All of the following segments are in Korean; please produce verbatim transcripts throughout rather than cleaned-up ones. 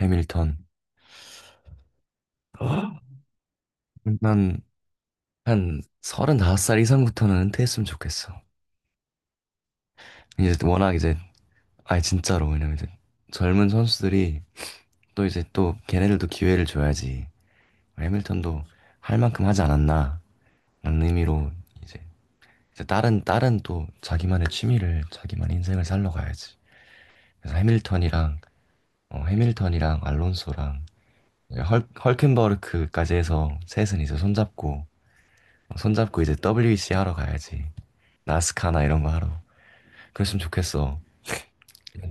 해밀턴. 난 한 서른다섯 살 이상부터는 은퇴했으면 좋겠어. 이제 워낙 이제, 아니 진짜로, 왜냐면 이제 젊은 선수들이 또 이제 또 걔네들도 기회를 줘야지. 해밀턴도 할 만큼 하지 않았나 라는 의미로 이제, 이제 다른, 다른 또 자기만의 취미를, 자기만의 인생을 살러 가야지. 그래서 해밀턴이랑, 어, 해밀턴이랑 알론소랑 헐, 헐켄버크까지 해서 셋은 이제 손잡고, 손잡고 이제 더블유이씨 하러 가야지. 나스카나 이런 거 하러. 그랬으면 좋겠어.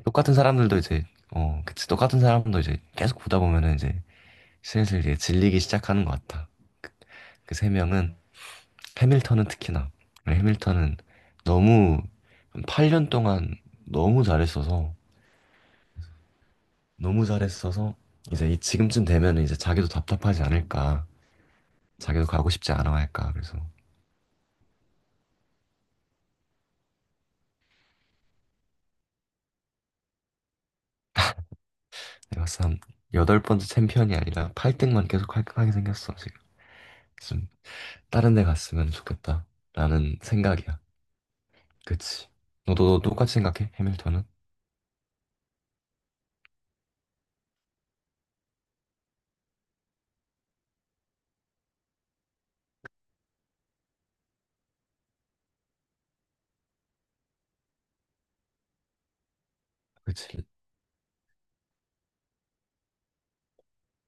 똑같은 사람들도 이제, 어, 그치. 똑같은 사람도 이제 계속 보다 보면은 이제 슬슬 이제 질리기 시작하는 것 같아. 그 그 세 명은, 해밀턴은 특히나. 네, 해밀턴은 너무, 팔 년 동안 너무 잘했어서, 너무 잘했어서, 이제 이 지금쯤 되면은 이제 자기도 답답하지 않을까. 자기도 가고 싶지 않아 할까. 그래서 내가 봤을 때한 여덟 번째 챔피언이 아니라 팔 등만 계속 깔끔하게 생겼어, 지금. 좀 다른 데 갔으면 좋겠다 라는 생각이야. 그치. 너도 너 똑같이 생각해? 해밀턴은? 그치.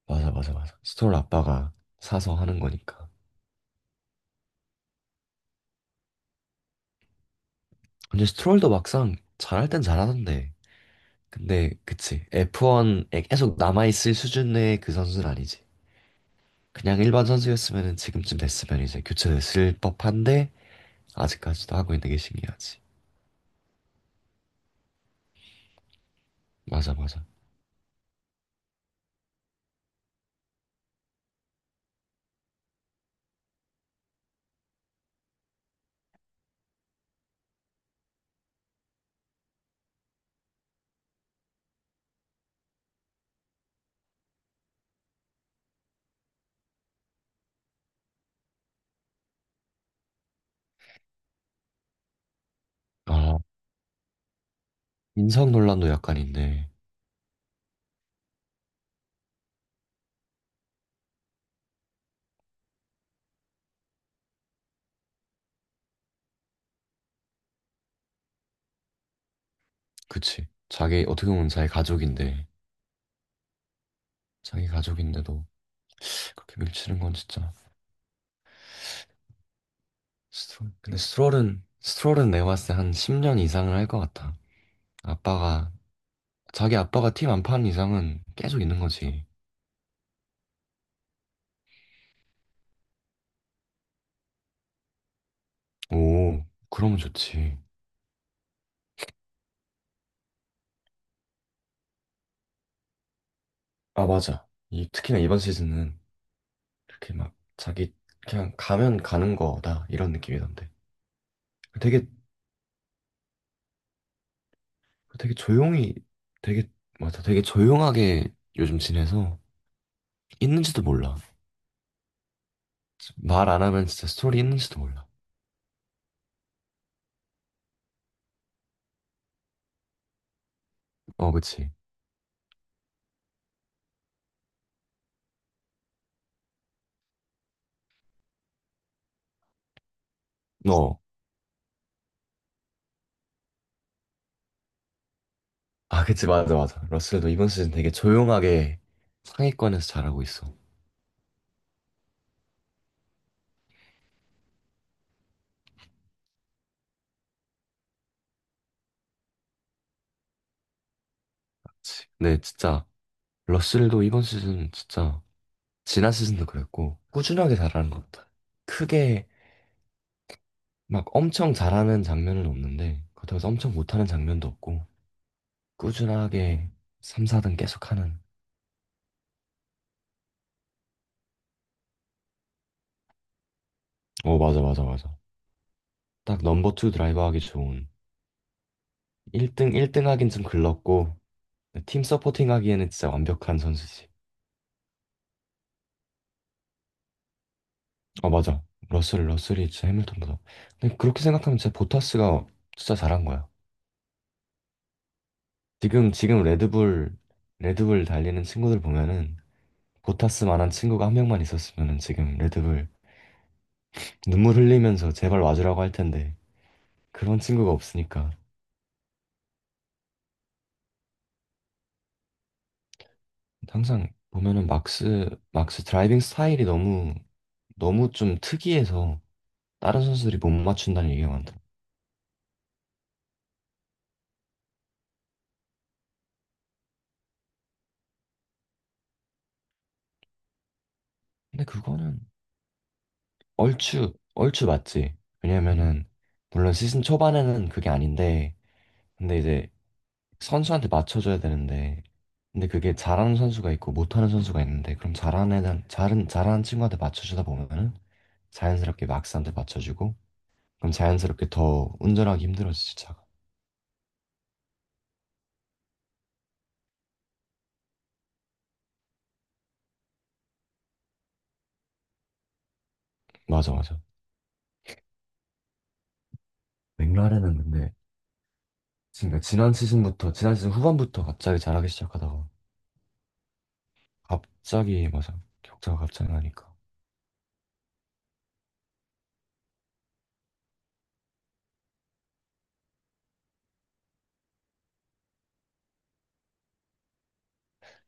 맞아, 맞아, 맞아. 스트롤 아빠가 사서 하는 거니까. 근데 스트롤도 막상 잘할 땐 잘하던데. 근데, 그치. 에프원에 계속 남아있을 수준의 그 선수는 아니지. 그냥 일반 선수였으면 지금쯤 됐으면 이제 교체됐을 법한데, 아직까지도 하고 있는 게 신기하지. 맞아, 맞아. 아, 인성 논란도 약간 인데. 그치. 자기, 어떻게 보면 자기 가족인데, 자기 가족인데도 그렇게 밀치는 건 진짜. 스트롤. 근데 스트롤은 스트롤은 내가 봤을 때 한 십 년 이상을 할 것 같아. 아빠가 자기 아빠가 팀 안 파는 이상은 계속 있는 거지. 오, 그러면 좋지. 아, 맞아. 이 특히나 이번 시즌은 이렇게 막 자기 그냥 가면 가는 거다 이런 느낌이던데. 되게 되게 조용히 되게 맞아. 되게 조용하게 요즘 지내서 있는지도 몰라. 말 안 하면 진짜 스토리 있는지도 몰라. 어, 그치. 어, 아, 그치, 맞아, 맞아. 러셀도 이번 시즌 되게 조용하게 상위권에서 잘하고 있어. 그치. 근데 진짜 러셀도 이번 시즌 진짜 지난 시즌도 그랬고 꾸준하게 잘하는 것 같아. 크게 막 엄청 잘하는 장면은 없는데 그렇다고 해서 엄청 못하는 장면도 없고 꾸준하게 삼, 사 등 계속하는. 어, 맞아, 맞아, 맞아. 딱 넘버 투 드라이버 하기 좋은. 일 등, 일 등 하긴 좀 글렀고 팀 서포팅 하기에는 진짜 완벽한 선수지. 아 맞아. 러셀 러셀이 진짜 해밀턴보다. 근데 그렇게 생각하면 진짜 보타스가 진짜 잘한 거야. 지금 지금 레드불 레드불 달리는 친구들 보면은 보타스만한 친구가 한 명만 있었으면은 지금 레드불 눈물 흘리면서 제발 와주라고 할 텐데 그런 친구가 없으니까. 항상 보면은 막스 막스 드라이빙 스타일이 너무 너무 좀 특이해서 다른 선수들이 못 맞춘다는 얘기가 많더라. 근데 그거는 얼추 얼추 맞지. 왜냐면은 물론 시즌 초반에는 그게 아닌데 근데 이제 선수한테 맞춰줘야 되는데, 근데 그게 잘하는 선수가 있고 못하는 선수가 있는데 그럼 잘하는 애는 잘은 잘하는 친구한테 맞춰주다 보면은 자연스럽게 막스한테 맞춰주고 그럼 자연스럽게 더 운전하기 힘들어지지 차가. 맞아 맞아. 맥라렌은 근데 그러니까 지난 시즌부터 지난 시즌 후반부터 갑자기 잘하기 시작하다가 갑자기 맞아 격차가 갑자기 나니까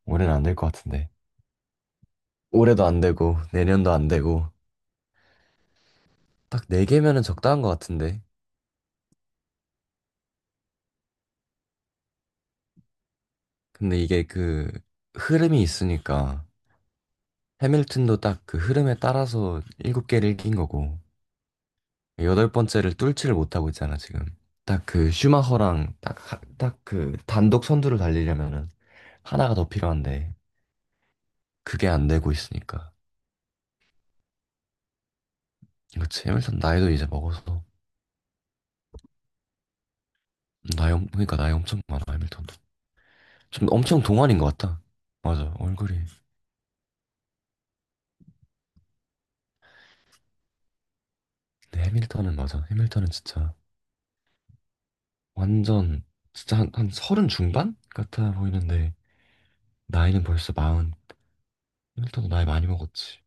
올해는 안 될 것 같은데. 올해도 안 되고 내년도 안 되고 딱 네 개면은 적당한 것 같은데. 근데 이게 그 흐름이 있으니까 해밀턴도 딱 그 흐름에 따라서 일곱 개를 이긴 거고 여덟 번째를 뚫지를 못하고 있잖아 지금. 딱 그 슈마허랑 딱 딱 그 단독 선두를 달리려면은 하나가 더 필요한데 그게 안 되고 있으니까. 그렇지 해밀턴 나이도 이제 먹어서 나이 엄- 그러니까 나이 엄청 많아 해밀턴도. 좀 엄청 동안인 것 같다. 맞아 얼굴이. 근데 해밀턴은, 맞아, 해밀턴은 진짜 완전 진짜 한, 한 서른 중반 같아 보이는데 나이는 벌써 마흔. 일단 나이 많이 먹었지.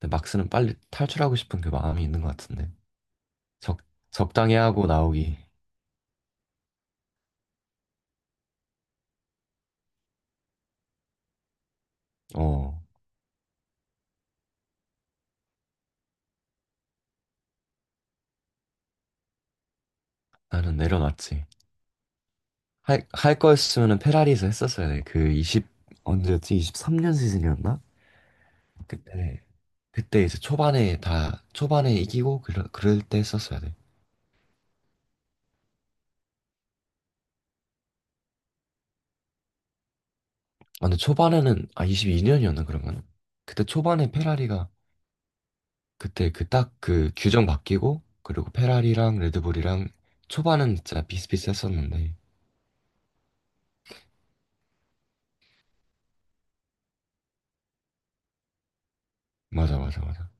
근데 막스는 빨리 탈출하고 싶은 그 마음이 있는 것 같은데. 적, 적당히 하고 나오기. 어, 나는 내려놨지. 할, 할 거였으면은 페라리에서 했었어야 돼. 그 이십, 언제였지? 이십삼 년 시즌이었나? 그때, 그때 이제 초반에 다, 초반에 이기고 그럴, 그럴 때 했었어야 돼. 아, 근데 초반에는, 아, 이십이 년이었나, 그러면? 그때 초반에 페라리가 그때 그 딱 그 규정 바뀌고 그리고 페라리랑 레드불이랑 초반은 진짜 비슷비슷했었는데 맞아 맞아 맞아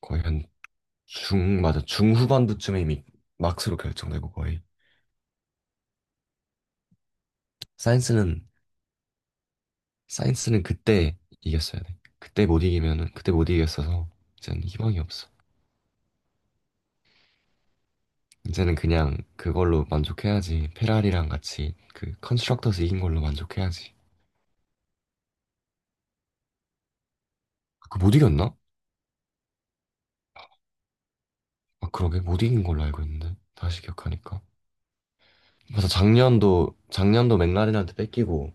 거의 한 중 맞아 중후반부쯤에 이미 막스로 결정되고 거의. 사인스는 사인스는 그때 이겼어야 돼. 그때 못 이기면은 그때 못 이겼어서 이제는 희망이 없어. 이제는 그냥 그걸로 만족해야지. 페라리랑 같이 그 컨스트럭터스 이긴 걸로 만족해야지. 아, 그못 이겼나? 아 그러게 못 이긴 걸로 알고 있는데 다시 기억하니까. 그래서 작년도 작년도 맥라렌한테 뺏기고.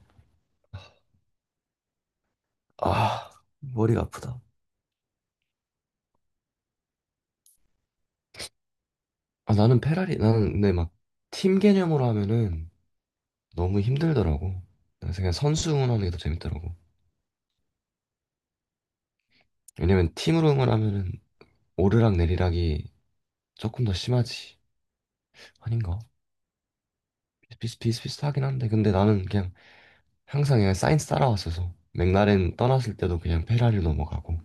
아 머리가 아프다. 아 나는 페라리 나는 근데 막 팀 개념으로 하면은 너무 힘들더라고. 그래서 그냥 선수 응원하는 게 더 재밌더라고. 왜냐면 팀으로 응원하면은 오르락 내리락이 조금 더 심하지 아닌가? 비슷 비슷비슷하긴 한데. 근데 나는 그냥 항상 그냥 사이언스 따라왔어서 맥라렌 떠났을 때도 그냥 페라리로 넘어가고.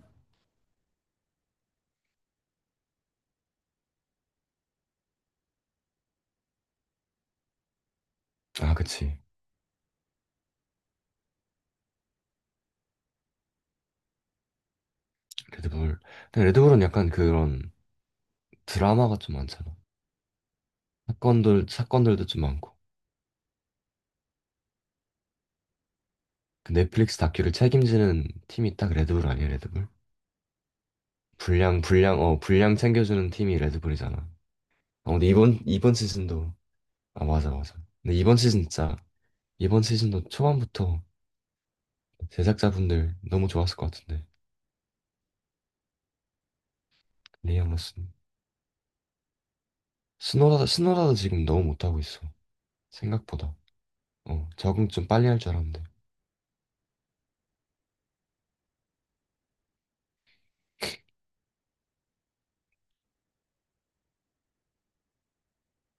아 그치. 레드불. 근데 레드불은 약간 그런 드라마가 좀 많잖아. 사건들, 사건들도 좀 많고. 그 넷플릭스 다큐를 책임지는 팀이 딱 레드불 아니야, 레드불? 분량, 분량, 어, 분량 챙겨주는 팀이 레드불이잖아. 어, 근데 이번, 이번 시즌도, 아, 맞아, 맞아. 근데 이번 시즌 진짜, 이번 시즌도 초반부터 제작자분들 너무 좋았을 것 같은데. 리암 로슨. 스노라도, 스노라도 지금 너무 못하고 있어. 생각보다. 어, 적응 좀 빨리 할 줄 알았는데.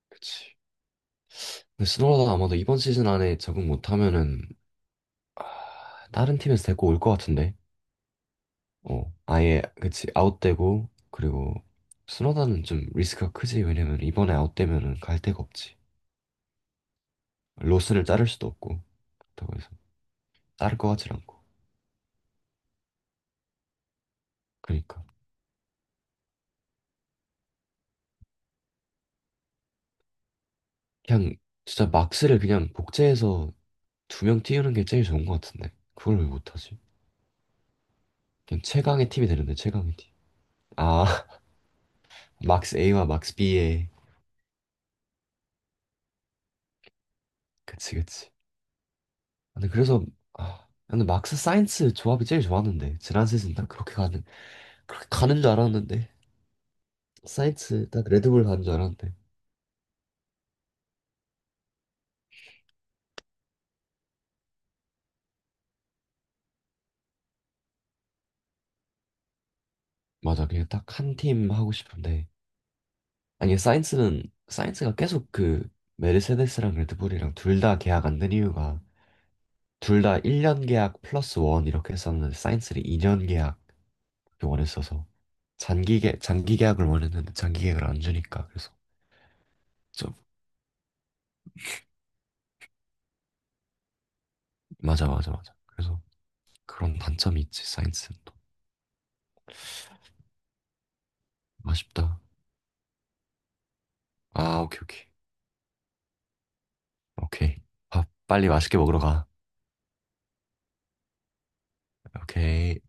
그치. 근데 스노라도 아마도 이번 시즌 안에 적응 못하면은 다른 팀에서 데리고 올 것 같은데. 어, 아예 그치 아웃되고 그리고 수노다는 좀 리스크가 크지. 왜냐면 이번에 아웃되면은 갈 데가 없지. 로스를 자를 수도 없고 그렇다고 해서 자를 것 같질 않고. 그러니까 그냥 진짜 막스를 그냥 복제해서 두 명 띄우는 게 제일 좋은 것 같은데. 그걸 왜 못하지? 그냥 최강의 팀이 되는데. 최강의 팀. 아 막스 A와 막스 B의 그치 그치. 근데 그래서 아 근데 막스 사이언스 조합이 제일 좋았는데 지난 시즌 딱 그렇게 가는 그렇게 가는 줄 알았는데. 사이언스 딱 레드불 가는 줄 알았는데. 맞아 그냥 딱 한 팀 하고 싶은데. 아니 사이언스는 사이언스가 계속 그 메르세데스랑 레드불이랑 둘 다 계약 안 된 이유가 둘 다 일 년 계약 플러스 원 이렇게 했었는데 사이언스는 이 년 계약 원했어서 장기 계 장기 계약을 원했는데 장기 계약을 안 주니까. 그래서 좀 맞아 맞아 맞아. 그래서 그런 단점이 있지 사이언스는 또. 아쉽다. 아 오케이 오케이. 오케이. 밥 빨리 맛있게 먹으러 가. 오케이.